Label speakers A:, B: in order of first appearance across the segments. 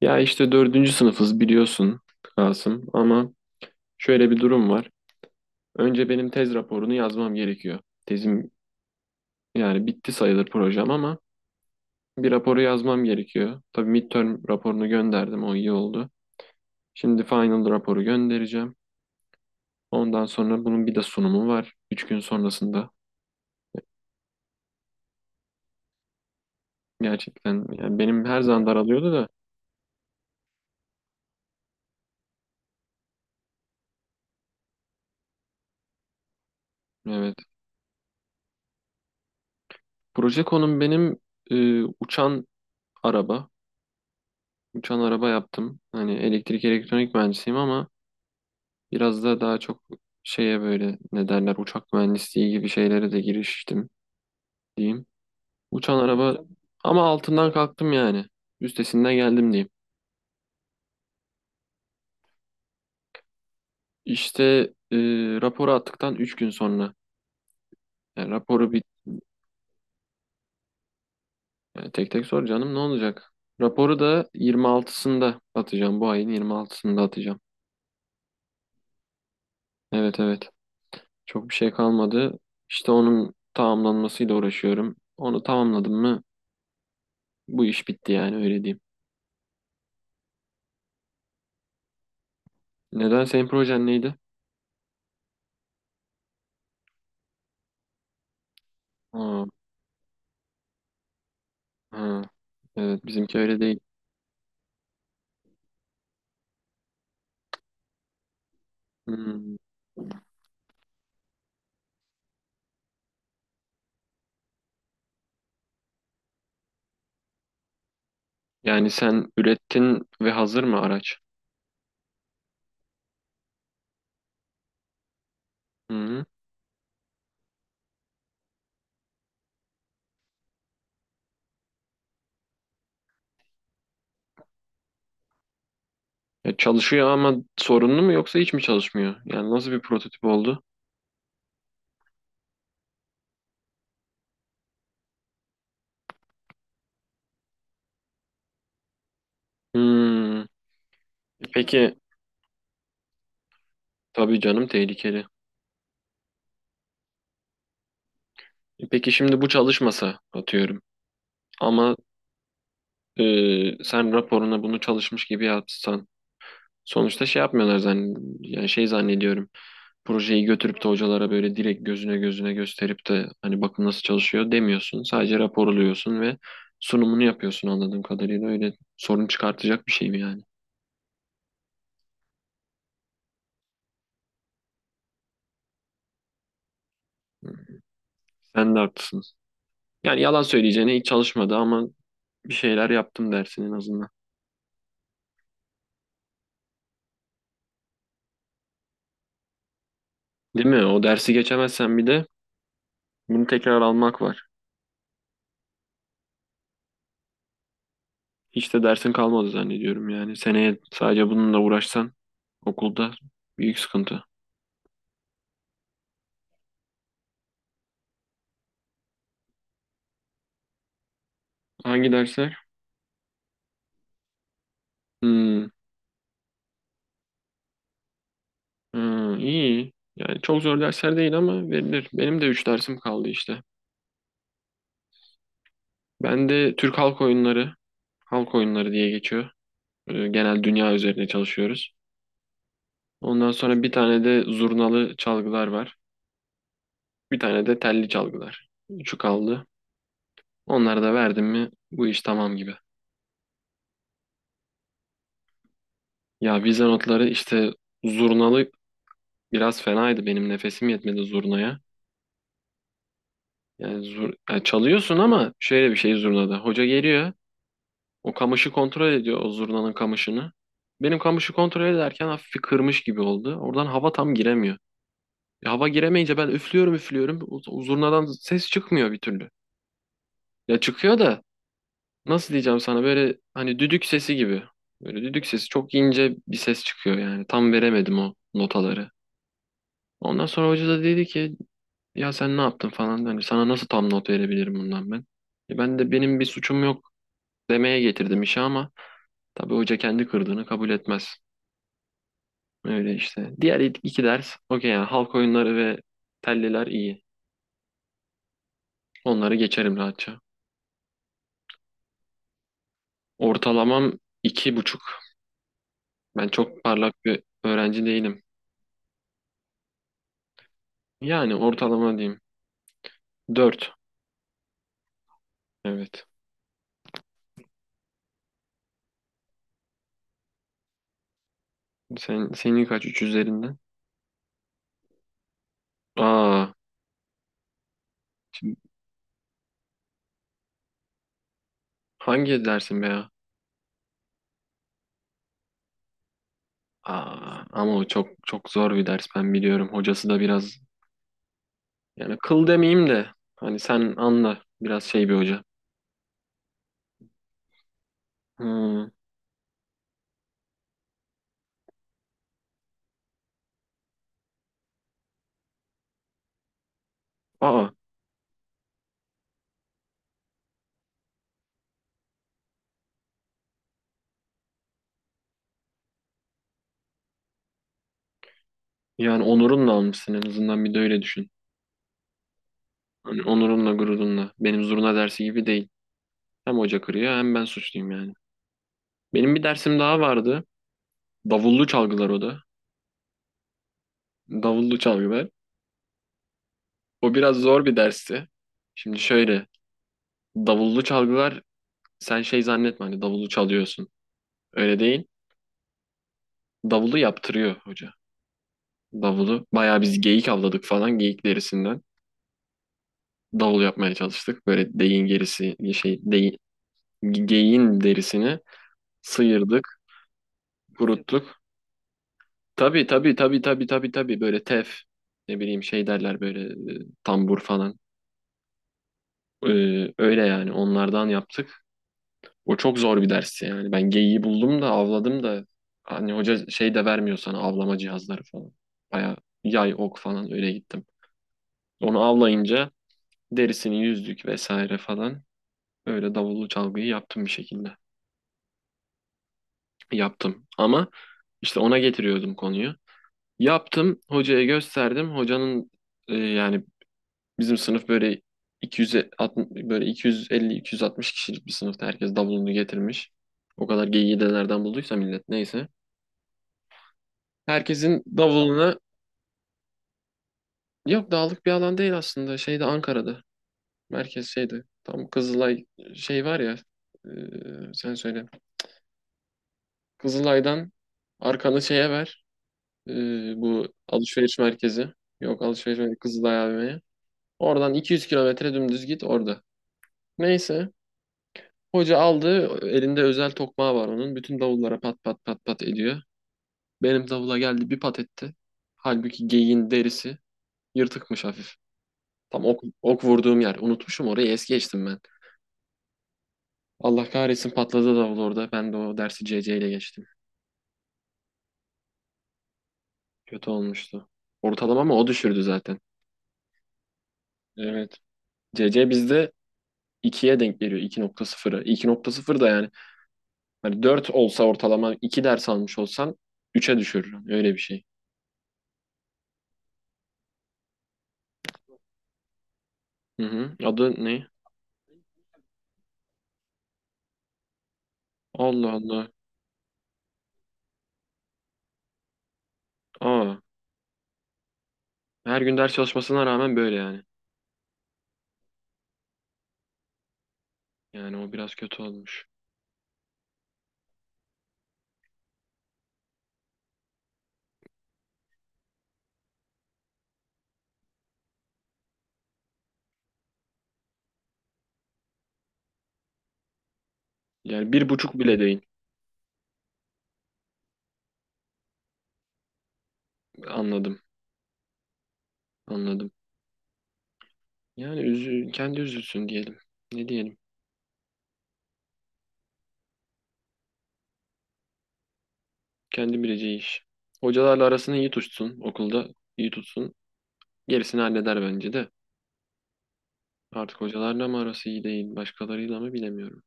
A: Ya işte dördüncü sınıfız biliyorsun Kasım ama şöyle bir durum var. Önce benim tez raporunu yazmam gerekiyor. Tezim yani bitti sayılır projem ama bir raporu yazmam gerekiyor. Tabii midterm raporunu gönderdim o iyi oldu. Şimdi final raporu göndereceğim. Ondan sonra bunun bir de sunumu var. 3 gün sonrasında. Gerçekten yani benim her zaman daralıyordu da. Evet. Proje konum benim uçan araba. Uçan araba yaptım. Hani elektrik elektronik mühendisiyim ama biraz da daha çok şeye böyle ne derler uçak mühendisliği gibi şeylere de giriştim diyeyim. Uçan araba ama altından kalktım yani. Üstesinden geldim diyeyim. İşte e, raporu attıktan 3 gün sonra. Yani raporu bir yani tek tek sor canım ne olacak? Raporu da 26'sında atacağım. Bu ayın 26'sında atacağım. Evet, evet. Çok bir şey kalmadı. İşte onun tamamlanmasıyla uğraşıyorum. Onu tamamladım mı bu iş bitti yani öyle diyeyim. Neden senin projen neydi? Aa. Ha, evet bizimki öyle değil. Hmm. Yani sen ürettin ve hazır mı araç? Hı. Ya çalışıyor ama sorunlu mu yoksa hiç mi çalışmıyor? Yani nasıl bir prototip oldu? Hmm. Peki tabii canım tehlikeli. Peki şimdi bu çalışmasa atıyorum. Ama sen raporuna bunu çalışmış gibi yapsan. Sonuçta şey yapmıyorlar zan yani şey zannediyorum. Projeyi götürüp de hocalara böyle direkt gözüne gözüne gösterip de hani bakın nasıl çalışıyor demiyorsun. Sadece raporluyorsun ve sunumunu yapıyorsun anladığım kadarıyla. Öyle sorun çıkartacak bir şey mi yani? Sen de haklısın. Yani yalan söyleyeceğine hiç çalışmadı ama bir şeyler yaptım dersin en azından. Değil mi? O dersi geçemezsen bir de bunu tekrar almak var. Hiç de dersin kalmadı zannediyorum yani. Seneye sadece bununla uğraşsan okulda büyük sıkıntı. Hangi dersler? Hmm. Hmm, iyi. Yani çok zor dersler değil ama verilir. Benim de 3 dersim kaldı işte. Ben de Türk halk oyunları, halk oyunları diye geçiyor. Genel dünya üzerine çalışıyoruz. Ondan sonra bir tane de zurnalı çalgılar var. Bir tane de telli çalgılar. Üçü kaldı. Onları da verdim mi bu iş tamam gibi. Ya vize notları işte zurnalı biraz fenaydı. Benim nefesim yetmedi zurnaya. Yani, yani çalıyorsun ama şöyle bir şey zurnada. Hoca geliyor. O kamışı kontrol ediyor o zurnanın kamışını. Benim kamışı kontrol ederken hafif bir kırmış gibi oldu. Oradan hava tam giremiyor. Hava giremeyince ben üflüyorum üflüyorum. O zurnadan ses çıkmıyor bir türlü. Ya çıkıyor da nasıl diyeceğim sana böyle hani düdük sesi gibi. Böyle düdük sesi çok ince bir ses çıkıyor yani. Tam veremedim o notaları. Ondan sonra hoca da dedi ki ya sen ne yaptın falan. Hani sana nasıl tam not verebilirim bundan ben. Ben de benim bir suçum yok demeye getirdim işi ama tabii hoca kendi kırdığını kabul etmez. Öyle işte. Diğer iki ders okey yani halk oyunları ve telliler iyi. Onları geçerim rahatça. Ortalamam 2,5. Ben çok parlak bir öğrenci değilim. Yani ortalama diyeyim. Dört. Evet. Senin kaç? Üç üzerinden? Aa. Şimdi hangi dersin be ya? Aa, ama o çok çok zor bir ders ben biliyorum. Hocası da biraz yani kıl demeyeyim de hani sen anla biraz şey bir hoca. Hmm. Aa, yani onurunla almışsın en azından bir de öyle düşün. Hani onurunla gururunla. Benim zurna dersi gibi değil. Hem hoca kırıyor hem ben suçluyum yani. Benim bir dersim daha vardı. Davullu çalgılar o da. Davullu çalgılar. O biraz zor bir dersti. Şimdi şöyle. Davullu çalgılar sen şey zannetme hani davulu çalıyorsun. Öyle değil. Davulu yaptırıyor hoca. Davulu. Bayağı biz geyik avladık falan geyik derisinden. Davul yapmaya çalıştık. Böyle deyin gerisi şey deyin, geyiğin derisini sıyırdık, kuruttuk. Tabii tabii tabii tabii tabii tabii böyle tef ne bileyim şey derler böyle tambur falan. Öyle yani onlardan yaptık. O çok zor bir dersti yani. Ben geyiği buldum da avladım da hani hoca şey de vermiyor sana avlama cihazları falan. Baya yay ok falan öyle gittim. Onu avlayınca derisini yüzdük vesaire falan. Öyle davullu çalgıyı yaptım bir şekilde. Yaptım ama işte ona getiriyordum konuyu. Yaptım hocaya gösterdim. Hocanın yani bizim sınıf böyle 260, böyle 250-260 kişilik bir sınıfta herkes davulunu getirmiş. O kadar geyiği de nereden bulduysa millet neyse. Herkesin davuluna yok dağlık bir alan değil aslında. Şeyde Ankara'da. Merkez şeydi. Tam Kızılay şey var ya. Sen söyle. Kızılay'dan arkanı şeye ver. e, Bu alışveriş merkezi. Yok alışveriş merkezi Kızılay AVM'ye. Oradan 200 kilometre dümdüz git orada. Neyse. Hoca aldı. Elinde özel tokmağı var onun. Bütün davullara pat pat pat pat ediyor. Benim davula geldi bir pat etti. Halbuki geyiğin derisi yırtıkmış hafif. Tam ok, ok vurduğum yer. Unutmuşum orayı es geçtim ben. Allah kahretsin patladı davul orada. Ben de o dersi CC ile geçtim. Kötü olmuştu. Ortalamamı o düşürdü zaten. Evet. CC bizde ikiye denk geliyor. İki 2,0'a. 2,0 da yani. Hani 4 olsa ortalama 2 ders almış olsan üçe düşürür. Öyle bir şey. Hı hı. Adı ne? Allah Allah. Aa, her gün ders çalışmasına rağmen böyle yani. Yani o biraz kötü olmuş. Yani 1,5 bile değil. Anladım, anladım. Yani kendi üzülsün diyelim. Ne diyelim? Kendi bileceği iş. Hocalarla arasını iyi tutsun, okulda iyi tutsun. Gerisini halleder bence de. Artık hocalarla mı arası iyi değil, başkalarıyla mı bilemiyorum.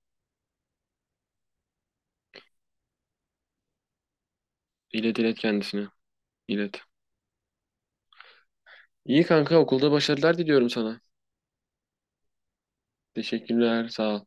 A: İlet ilet kendisine, ilet. İyi kanka, okulda başarılar diliyorum sana. Teşekkürler, sağ ol.